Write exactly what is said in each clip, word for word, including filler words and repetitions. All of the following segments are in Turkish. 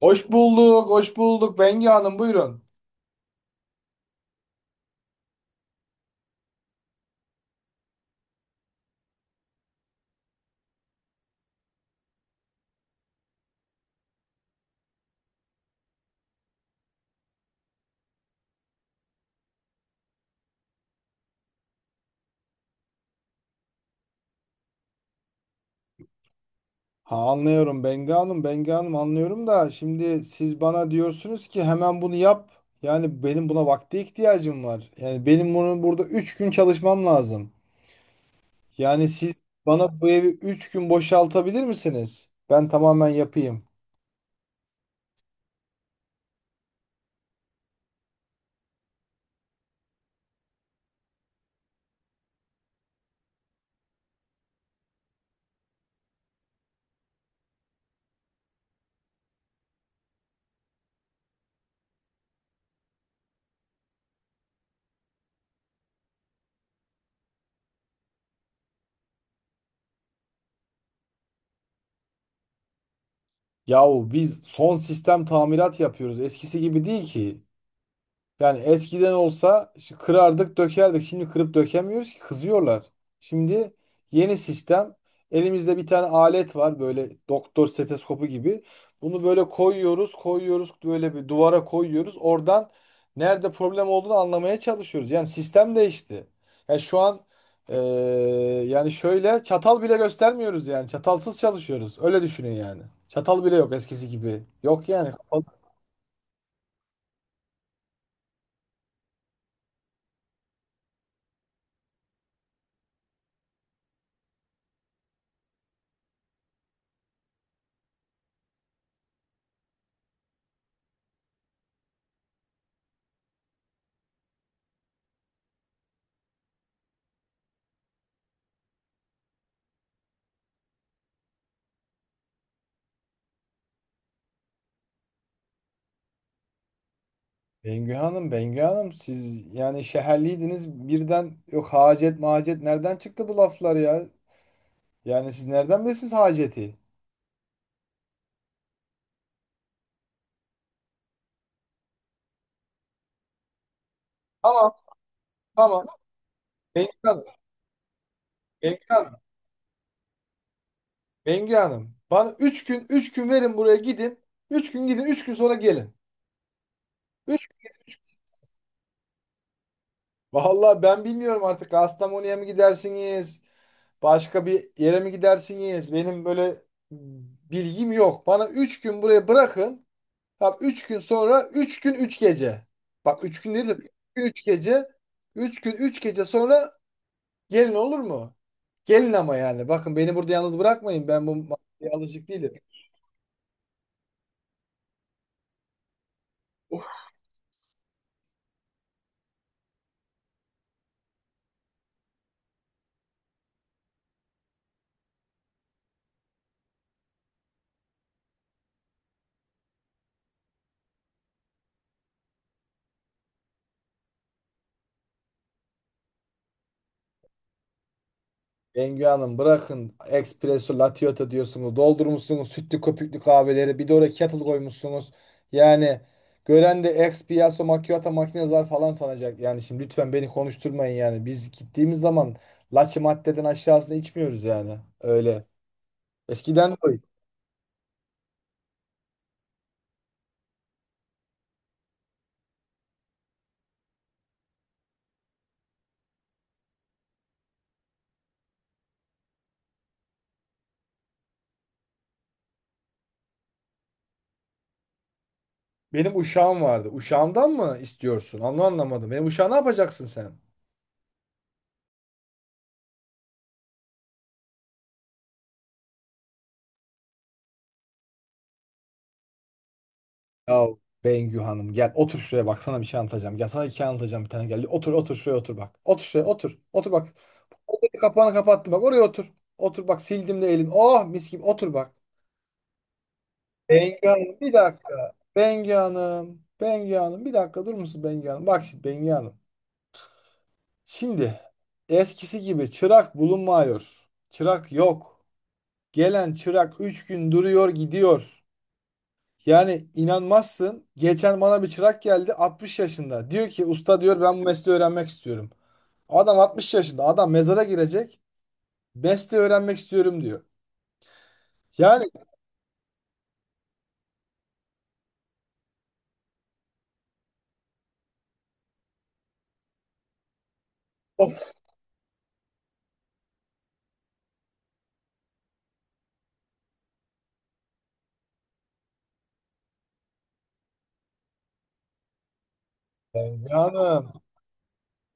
Hoş bulduk, hoş bulduk. Bengi Hanım buyurun. Ha, anlıyorum Bengi Hanım, Bengi Hanım anlıyorum da şimdi siz bana diyorsunuz ki hemen bunu yap. Yani benim buna vakte ihtiyacım var. Yani benim bunu burada üç gün çalışmam lazım. Yani siz bana bu evi üç gün boşaltabilir misiniz? Ben tamamen yapayım. Yahu biz son sistem tamirat yapıyoruz. Eskisi gibi değil ki. Yani eskiden olsa şu kırardık, dökerdik. Şimdi kırıp dökemiyoruz ki kızıyorlar. Şimdi yeni sistem. Elimizde bir tane alet var böyle doktor stetoskopu gibi. Bunu böyle koyuyoruz, koyuyoruz böyle bir duvara koyuyoruz. Oradan nerede problem olduğunu anlamaya çalışıyoruz. Yani sistem değişti. Yani şu an eee, yani şöyle çatal bile göstermiyoruz yani. Çatalsız çalışıyoruz. Öyle düşünün yani. Çatal bile yok eskisi gibi. Yok yani Bengü Hanım, Bengü Hanım siz yani şehirliydiniz birden yok hacet macet nereden çıktı bu laflar ya? Yani siz nereden bilirsiniz haceti? Tamam tamam Bengü Hanım, Bengü Hanım, Bengü Hanım. Bana üç gün üç gün verin buraya gidin. Üç gün gidin üç gün sonra gelin. Üç. Vallahi ben bilmiyorum artık Kastamonu'ya mı gidersiniz? Başka bir yere mi gidersiniz? Benim böyle bilgim yok. Bana üç gün buraya bırakın. Tamam üç gün sonra üç gün üç gece. Bak üç gün değil de üç gün üç gece. Üç gün üç gece sonra gelin olur mu? Gelin ama yani. Bakın beni burada yalnız bırakmayın. Ben bu maddeye alışık değilim. Bengü Hanım bırakın. Espresso, latte diyorsunuz. Doldurmuşsunuz sütlü köpüklü kahveleri. Bir de oraya kettle koymuşsunuz. Yani gören de espresso macchiato makineler falan sanacak. Yani şimdi lütfen beni konuşturmayın yani. Biz gittiğimiz zaman laçı maddeden aşağısını içmiyoruz yani. Öyle. Eskiden de o. Benim uşağım vardı. Uşağımdan mı istiyorsun? Onu anlamadım. Benim uşağı ne yapacaksın sen? Ya Bengü Hanım gel otur şuraya bak sana bir şey anlatacağım. Gel sana hikaye anlatacağım bir tane gel. Otur otur şuraya otur bak. Otur şuraya otur. Otur bak. Otur, kapağını kapattım bak oraya otur. Otur bak sildim de elim. Oh mis gibi otur bak. Bengü Hanım bir dakika. Bengü Hanım. Bengü Hanım bir dakika durur musun Bengü Hanım? Bak şimdi Bengü Hanım. Şimdi eskisi gibi çırak bulunmuyor. Çırak yok. Gelen çırak üç gün duruyor gidiyor. Yani inanmazsın. Geçen bana bir çırak geldi altmış yaşında. Diyor ki usta diyor ben bu mesleği öğrenmek istiyorum. Adam altmış yaşında. Adam mezara girecek. Mesleği öğrenmek istiyorum diyor. Yani oh, Bengi Hanım,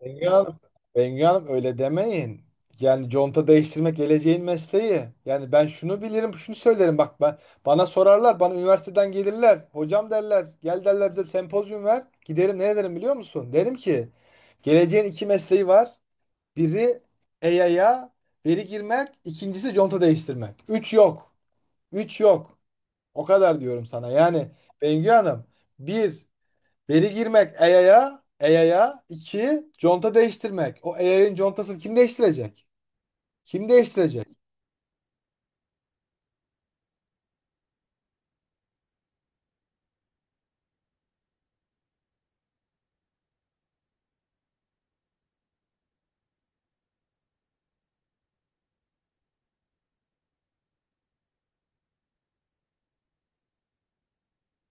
Bengi Hanım, Bengi Hanım öyle demeyin. Yani conta değiştirmek geleceğin mesleği. Yani ben şunu bilirim, şunu söylerim. Bak ben bana sorarlar, bana üniversiteden gelirler. Hocam derler, gel derler bize bir sempozyum ver. Giderim ne ederim biliyor musun? Derim ki geleceğin iki mesleği var. Biri eyaya veri girmek, ikincisi conta değiştirmek. Üç yok. Üç yok. O kadar diyorum sana. Yani Bengü Hanım, bir veri girmek E Y A'ya, E Y A'ya, İki conta değiştirmek. O eyanın contasını kim değiştirecek? Kim değiştirecek?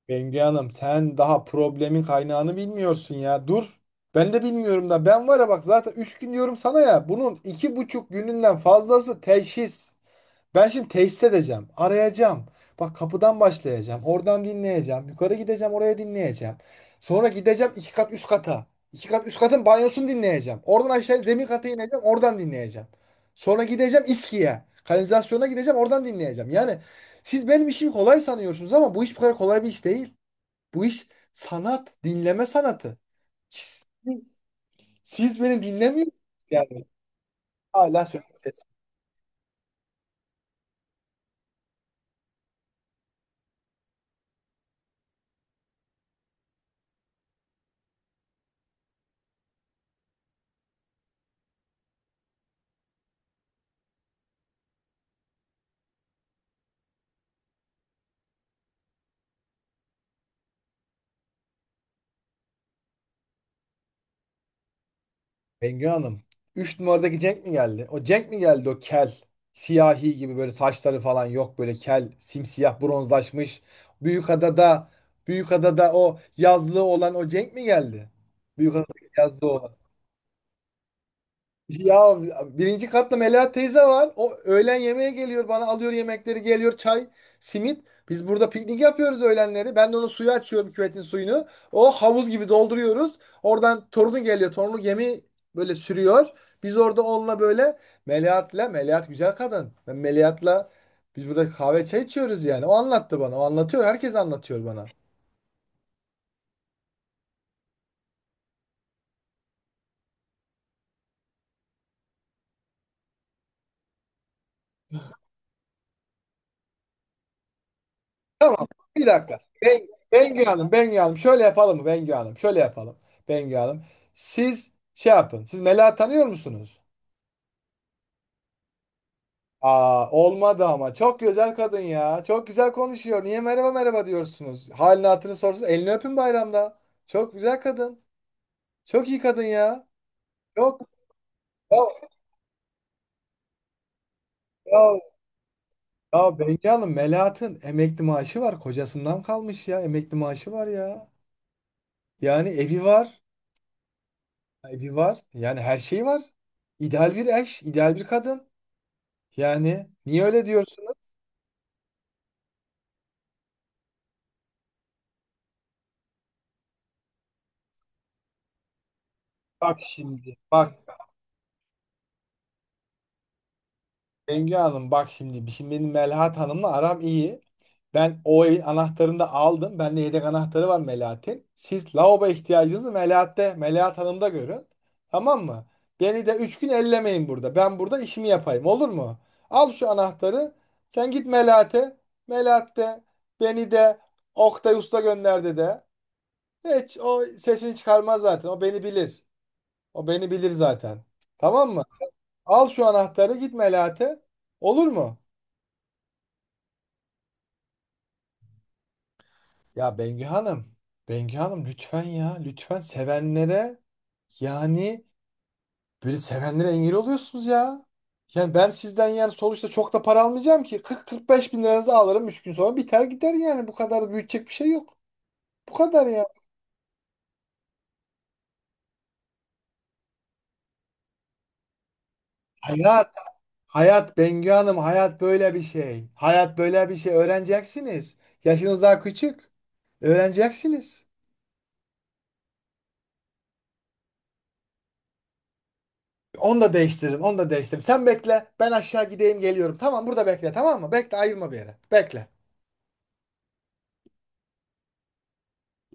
Bengü Hanım, sen daha problemin kaynağını bilmiyorsun ya. Dur. Ben de bilmiyorum da ben var ya bak zaten üç gün diyorum sana ya. Bunun iki buçuk gününden fazlası teşhis. Ben şimdi teşhis edeceğim, arayacağım. Bak kapıdan başlayacağım, oradan dinleyeceğim, yukarı gideceğim, oraya dinleyeceğim. Sonra gideceğim iki kat üst kata. İki kat üst katın banyosunu dinleyeceğim. Oradan aşağı zemin kata ineceğim, oradan dinleyeceğim. Sonra gideceğim İSKİ'ye, kanalizasyona gideceğim, oradan dinleyeceğim. Yani siz benim işimi kolay sanıyorsunuz ama bu iş bu kadar kolay bir iş değil. Bu iş sanat, dinleme sanatı. Siz, siz beni dinlemiyorsunuz yani. Hala söylüyorum. Bengü Hanım. Üç numaradaki Cenk mi geldi? O Cenk mi geldi o kel? Siyahi gibi böyle saçları falan yok böyle kel, simsiyah, bronzlaşmış. Büyükada'da Büyükada'da o yazlığı olan o Cenk mi geldi? Büyükada'da yazlığı olan. Ya birinci katta Melahat teyze var. O öğlen yemeğe geliyor bana alıyor yemekleri geliyor çay, simit. Biz burada piknik yapıyoruz öğlenleri. Ben de onu suyu açıyorum küvetin suyunu. O havuz gibi dolduruyoruz. Oradan torunu geliyor. Torunu gemi böyle sürüyor. Biz orada onunla böyle Melahat'la Melahat güzel kadın. Ben Melahat'la Biz burada kahve çay içiyoruz yani. O anlattı bana. O anlatıyor. Herkes anlatıyor bana. Tamam. Bir dakika. Ben, Bengü Hanım, Bengü Hanım. Şöyle yapalım mı Bengü Hanım? Şöyle yapalım. Bengü Hanım. Siz şey yapın. Siz Mela tanıyor musunuz? Aa, olmadı ama. Çok güzel kadın ya. Çok güzel konuşuyor. Niye merhaba merhaba diyorsunuz? Halini hatırını sorsanız elini öpün bayramda. Çok güzel kadın. Çok iyi kadın ya. Çok. Ya, ya, ya Bengü Hanım Melahat'ın emekli maaşı var. Kocasından kalmış ya. Emekli maaşı var ya. Yani evi var. Evi var. Yani her şeyi var. İdeal bir eş, ideal bir kadın. Yani niye öyle diyorsunuz? Bak şimdi. Bak Bengü Hanım bak şimdi. Şimdi benim Melahat Hanım'la aram iyi. Ben o evin anahtarını da aldım. Bende yedek anahtarı var Melahat'in. Siz lavabo ihtiyacınızı Melahat'te, Melahat Hanım'da görün. Tamam mı? Beni de üç gün ellemeyin burada. Ben burada işimi yapayım. Olur mu? Al şu anahtarı. Sen git Melahat'e. Melahat beni de Oktay Usta gönderdi de. Hiç o sesini çıkarmaz zaten. O beni bilir. O beni bilir zaten. Tamam mı? Al şu anahtarı git Melahat'e. Olur mu? Ya Bengü Hanım. Bengü Hanım lütfen ya. Lütfen sevenlere yani böyle sevenlere engel oluyorsunuz ya. Yani ben sizden yani sonuçta çok da para almayacağım ki. 40-45 bin liranızı alırım. Üç gün sonra biter gider yani. Bu kadar büyütecek bir şey yok. Bu kadar ya. Hayır. Hayat Bengü Hanım, hayat böyle bir şey. Hayat böyle bir şey. Öğreneceksiniz. Yaşınız daha küçük. Öğreneceksiniz. Onu da değiştiririm, onu da değiştiririm. Sen bekle, ben aşağı gideyim geliyorum. Tamam, burada bekle, tamam mı? Bekle, ayrılma bir yere. Bekle.